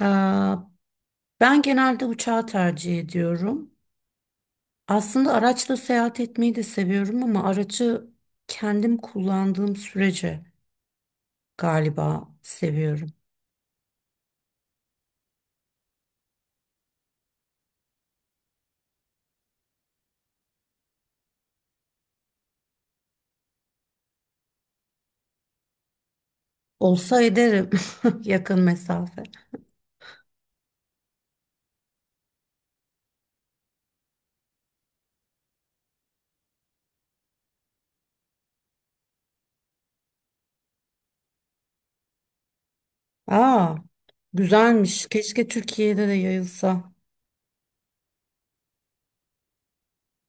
Ee, Ben genelde uçağı tercih ediyorum. Aslında araçla seyahat etmeyi de seviyorum ama aracı kendim kullandığım sürece galiba seviyorum. Olsa ederim yakın mesafe. Aa, güzelmiş. Keşke Türkiye'de de yayılsa.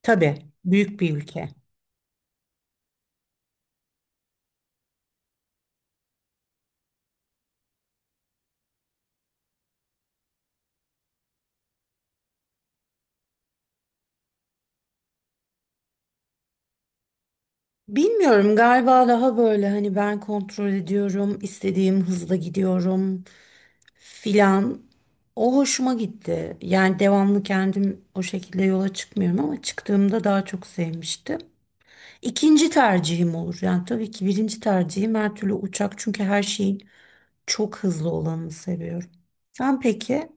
Tabii, büyük bir ülke. Bilmiyorum, galiba daha böyle hani ben kontrol ediyorum, istediğim hızla gidiyorum filan. O hoşuma gitti. Yani devamlı kendim o şekilde yola çıkmıyorum ama çıktığımda daha çok sevmiştim. İkinci tercihim olur. Yani tabii ki birinci tercihim her türlü uçak, çünkü her şeyin çok hızlı olanını seviyorum. Sen peki?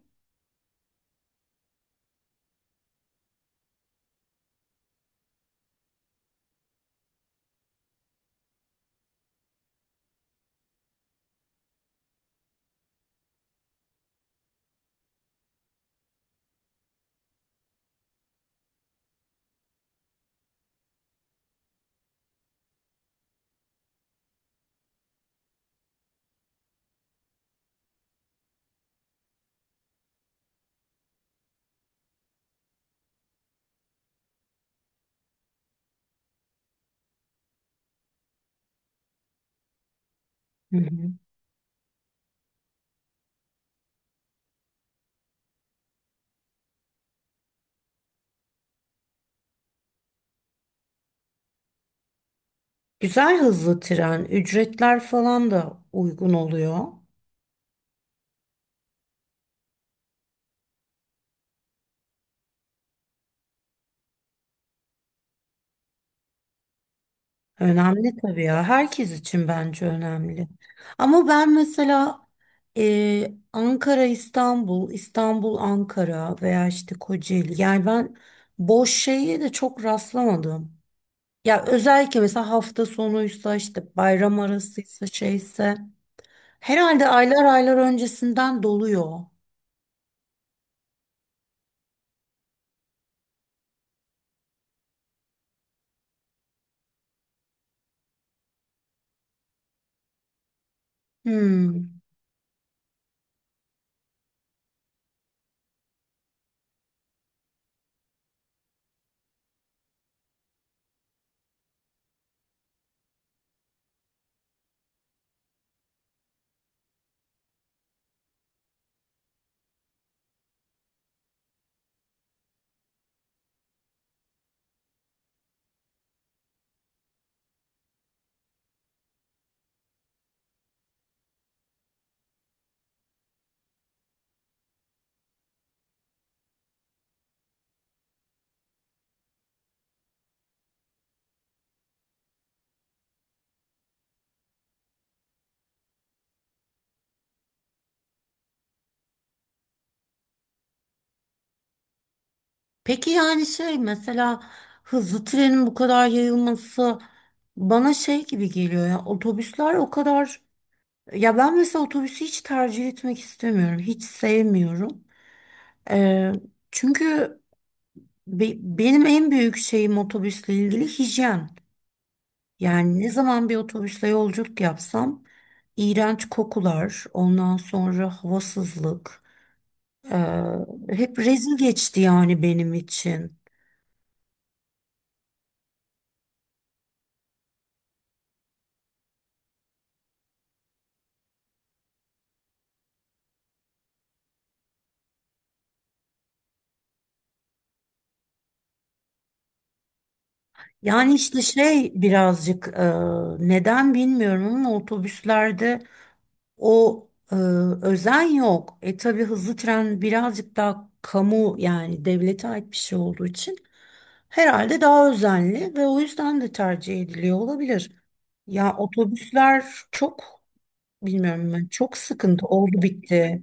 Hı hı. Güzel hızlı tren, ücretler falan da uygun oluyor. Önemli tabii ya. Herkes için bence önemli. Ama ben mesela Ankara, İstanbul, İstanbul, Ankara veya işte Kocaeli. Yani ben boş şeye de çok rastlamadım. Ya özellikle mesela hafta sonuysa, işte bayram arasıysa, şeyse herhalde aylar aylar öncesinden doluyor. Hmm. Peki yani şey mesela, hızlı trenin bu kadar yayılması bana şey gibi geliyor, ya otobüsler o kadar. Ya ben mesela otobüsü hiç tercih etmek istemiyorum. Hiç sevmiyorum. Ee, Çünkü benim en büyük şeyim otobüsle ilgili hijyen. Yani ne zaman bir otobüsle yolculuk yapsam iğrenç kokular, ondan sonra havasızlık. ee, Hep rezil geçti yani benim için. Yani işte şey birazcık, neden bilmiyorum ama otobüslerde o, özen yok. E tabii hızlı tren birazcık daha kamu, yani devlete ait bir şey olduğu için herhalde daha özenli ve o yüzden de tercih ediliyor olabilir. Ya otobüsler çok, bilmiyorum, ben çok sıkıntı oldu bitti.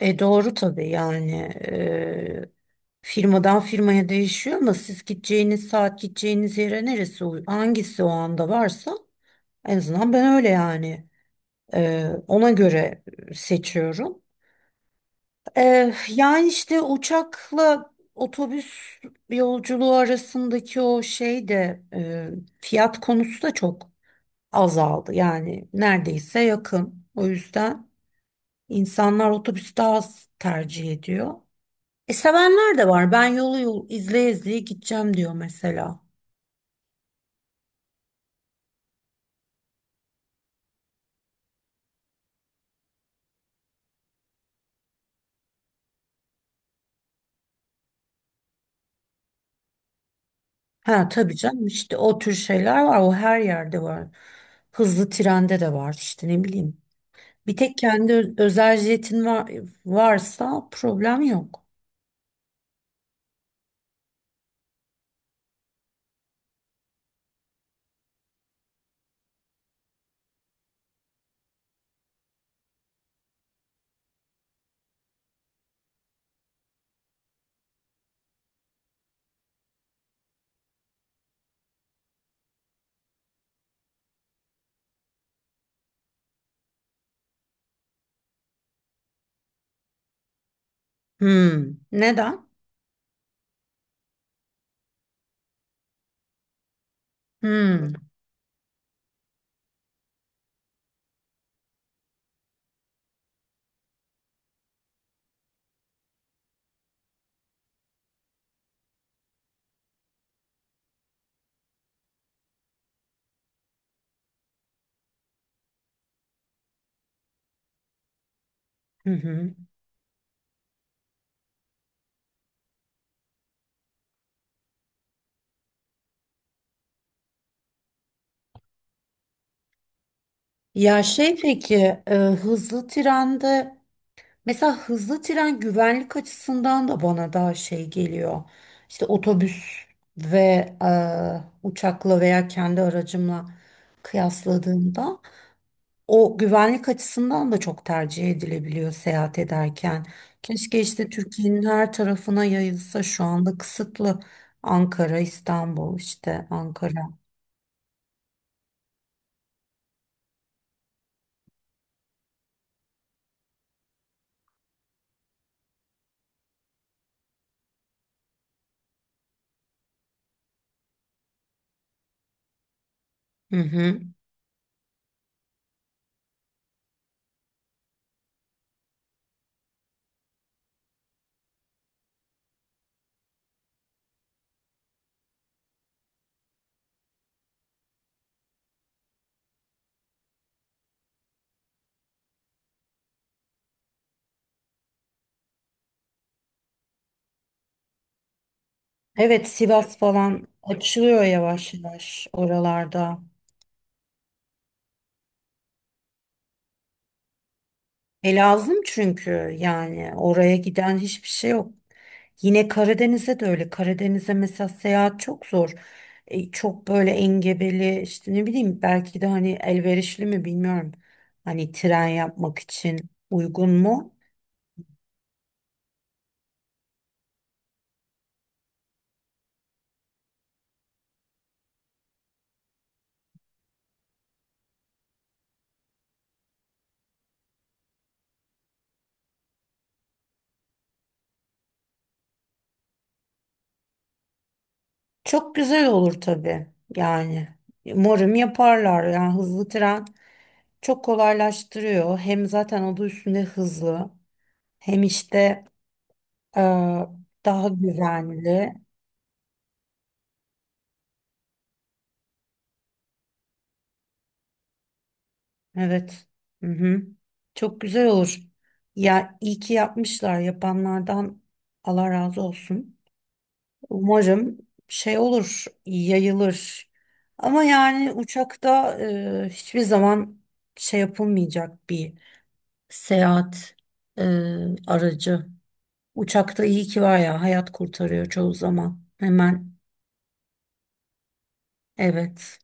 E doğru tabii, yani firmadan firmaya değişiyor, ama siz gideceğiniz saat gideceğiniz yere neresi hangisi o anda varsa, en azından ben öyle yani. Ona göre seçiyorum. Yani işte uçakla otobüs yolculuğu arasındaki o şey de, fiyat konusu da çok azaldı. Yani neredeyse yakın. O yüzden insanlar otobüs daha az tercih ediyor. E sevenler de var. Ben yolu yol izleye izleye gideceğim diyor mesela. Ha tabii canım, işte o tür şeyler var. O her yerde var. Hızlı trende de var işte, ne bileyim. Bir tek kendi özel jetin var, varsa problem yok. Hmm. Neden? Hmm. Hı hı. Ya şey peki, hızlı trende, mesela hızlı tren güvenlik açısından da bana daha şey geliyor. İşte otobüs ve e, uçakla veya kendi aracımla kıyasladığımda. O güvenlik açısından da çok tercih edilebiliyor seyahat ederken. Keşke işte Türkiye'nin her tarafına yayılsa, şu anda kısıtlı. Ankara, İstanbul, işte Ankara. Hı hı. Evet, Sivas falan açılıyor yavaş yavaş oralarda. E lazım, çünkü yani oraya giden hiçbir şey yok. Yine Karadeniz'e de öyle. Karadeniz'e mesela seyahat çok zor. E, çok böyle engebeli, işte ne bileyim, belki de hani elverişli mi bilmiyorum. Hani tren yapmak için uygun mu? Çok güzel olur tabii yani. Umarım yaparlar, yani hızlı tren çok kolaylaştırıyor. Hem zaten adı üstünde hızlı. Hem işte, Aa, daha güvenli. Evet. Hı hı. Çok güzel olur. Ya iyi ki yapmışlar. Yapanlardan Allah razı olsun. Umarım şey olur, yayılır. Ama yani uçakta hiçbir zaman şey yapılmayacak bir seyahat e, aracı. Uçakta iyi ki var ya, hayat kurtarıyor çoğu zaman. Hemen evet.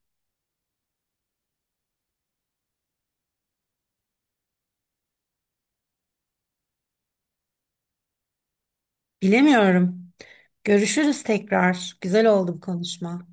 Bilemiyorum. Görüşürüz tekrar. Güzel oldu bu konuşma.